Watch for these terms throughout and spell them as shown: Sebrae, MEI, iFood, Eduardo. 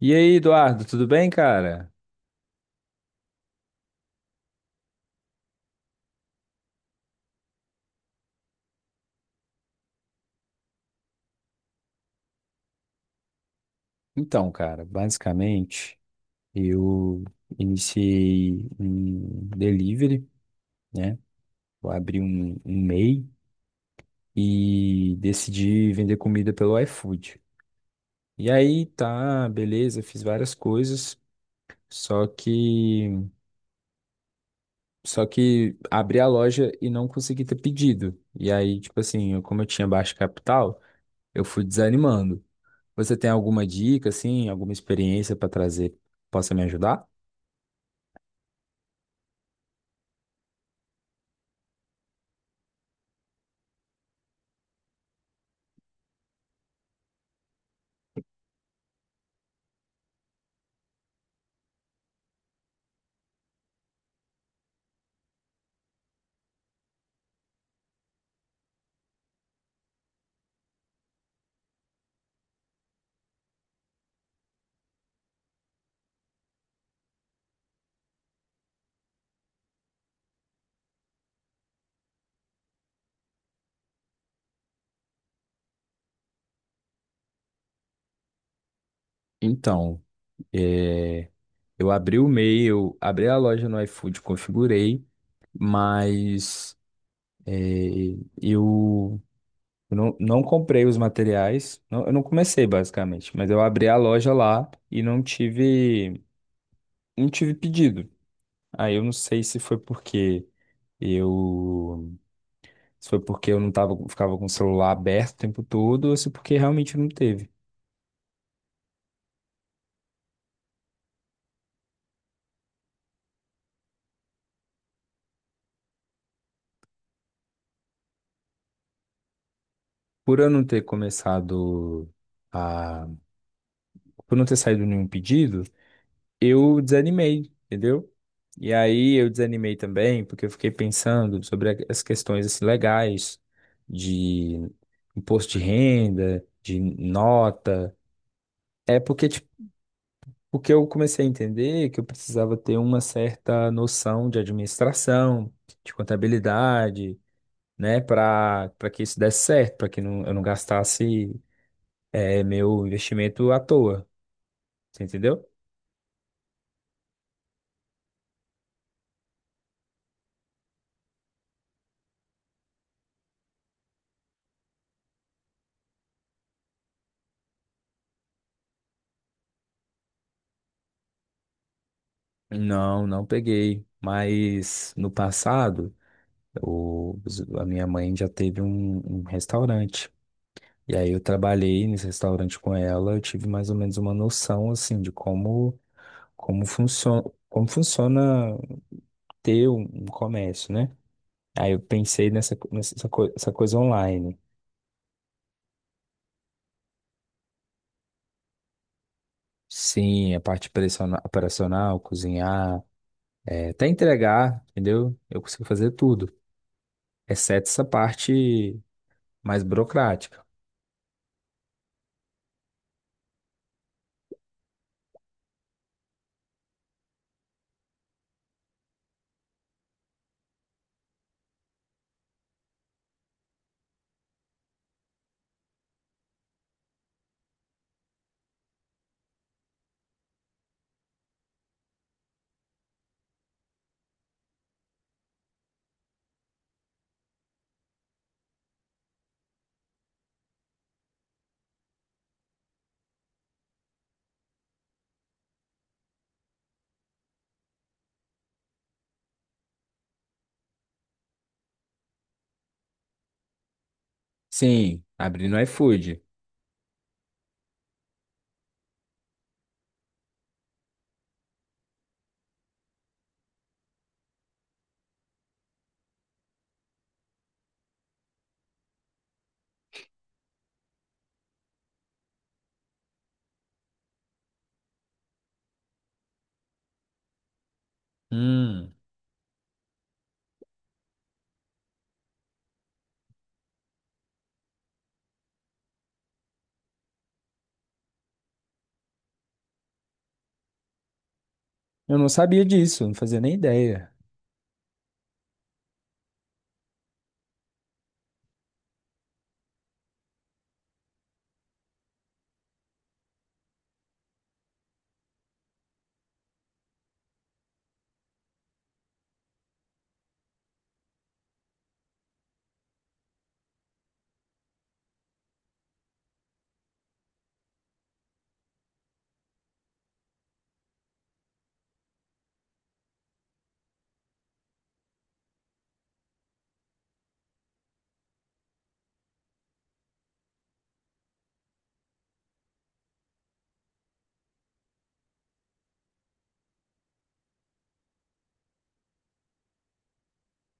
E aí, Eduardo, tudo bem, cara? Então, cara, basicamente eu iniciei um delivery, né? Eu abri um MEI e decidi vender comida pelo iFood. E aí, tá, beleza, fiz várias coisas, só que só que abri a loja e não consegui ter pedido. E aí, tipo assim, como eu tinha baixo capital, eu fui desanimando. Você tem alguma dica, assim, alguma experiência para trazer que possa me ajudar? Então, é, eu abri o e-mail, abri a loja no iFood, configurei, mas é, eu não comprei os materiais, eu não comecei basicamente, mas eu abri a loja lá e não tive pedido. Aí eu não sei se foi porque eu, se foi porque eu não tava, ficava com o celular aberto o tempo todo ou se porque realmente não teve. Por eu não ter começado a, por não ter saído nenhum pedido, eu desanimei, entendeu? E aí eu desanimei também, porque eu fiquei pensando sobre as questões assim, legais de imposto de renda, de nota. É porque, tipo, porque eu comecei a entender que eu precisava ter uma certa noção de administração, de contabilidade, né, para que isso desse certo, para que não, eu não gastasse meu investimento à toa, você entendeu? Não, não peguei. Mas no passado O, a minha mãe já teve um restaurante. E aí eu trabalhei nesse restaurante com ela, eu tive mais ou menos uma noção assim de como funciona, como funciona ter um comércio, né? Aí eu pensei nessa co- nessa coi- essa coisa online. Sim, a parte operacional, cozinhar, até entregar, entendeu? Eu consigo fazer tudo, exceto essa parte mais burocrática. Sim, abri no iFood. Hum. Eu não sabia disso, não fazia nem ideia.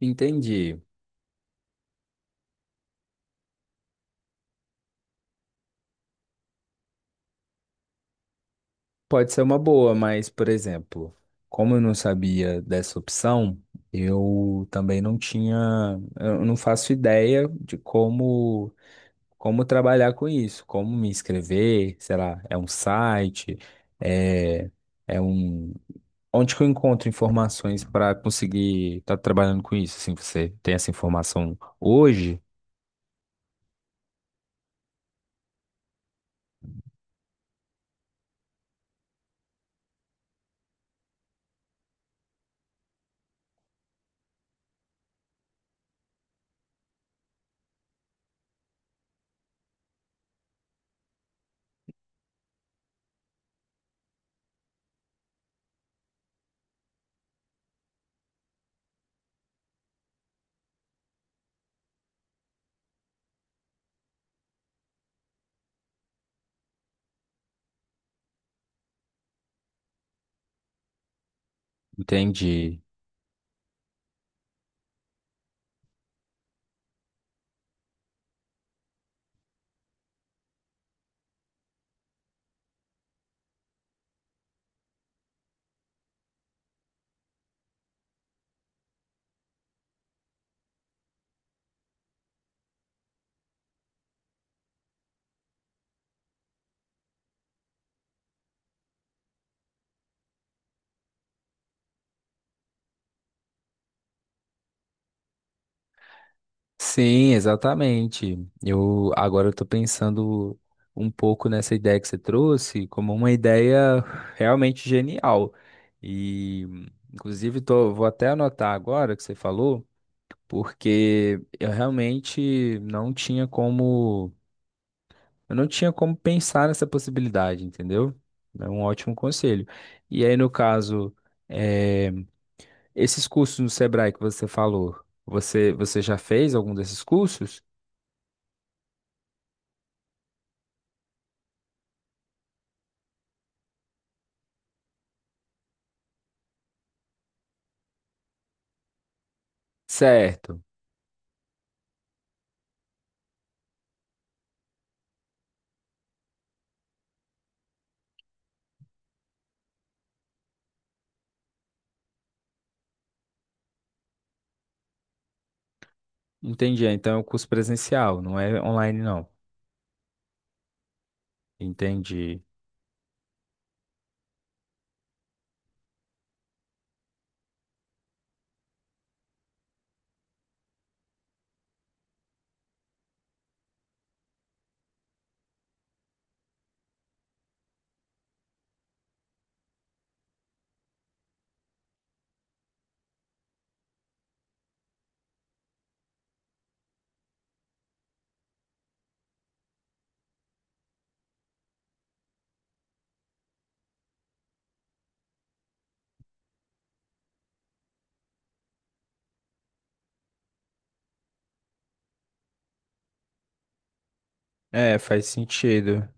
Entendi. Pode ser uma boa, mas, por exemplo, como eu não sabia dessa opção, eu também não tinha, eu não faço ideia de como trabalhar com isso, como me inscrever, sei lá, é um site, é, é um, onde que eu encontro informações para conseguir estar trabalhando com isso? Assim, você tem essa informação hoje? Entendi. Sim, exatamente. Eu agora eu tô pensando um pouco nessa ideia que você trouxe como uma ideia realmente genial. E inclusive tô, vou até anotar agora que você falou, porque eu realmente não tinha como, eu não tinha como pensar nessa possibilidade, entendeu? É um ótimo conselho. E aí, no caso, eh, esses cursos no Sebrae que você falou, você já fez algum desses cursos? Certo. Entendi. Então é um curso presencial, não é online, não. Entendi. É, faz sentido.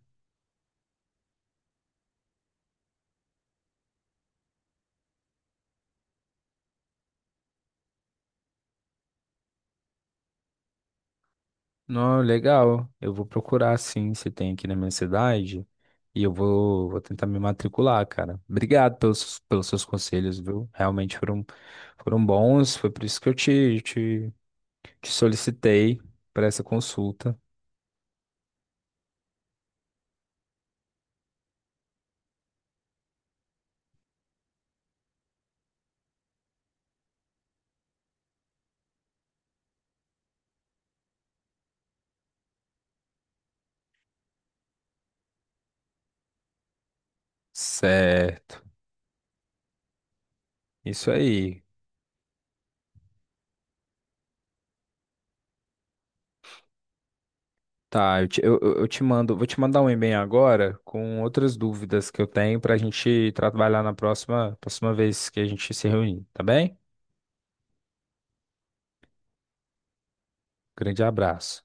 Não, legal. Eu vou procurar, sim, se tem aqui na minha cidade. E eu vou tentar me matricular, cara. Obrigado pelos seus conselhos, viu? Realmente foram, foram bons. Foi por isso que eu te solicitei para essa consulta. Certo. Isso aí. Tá, eu te mando, vou te mandar um e-mail agora com outras dúvidas que eu tenho para a gente trabalhar na próxima vez que a gente se reunir, tá bem? Grande abraço.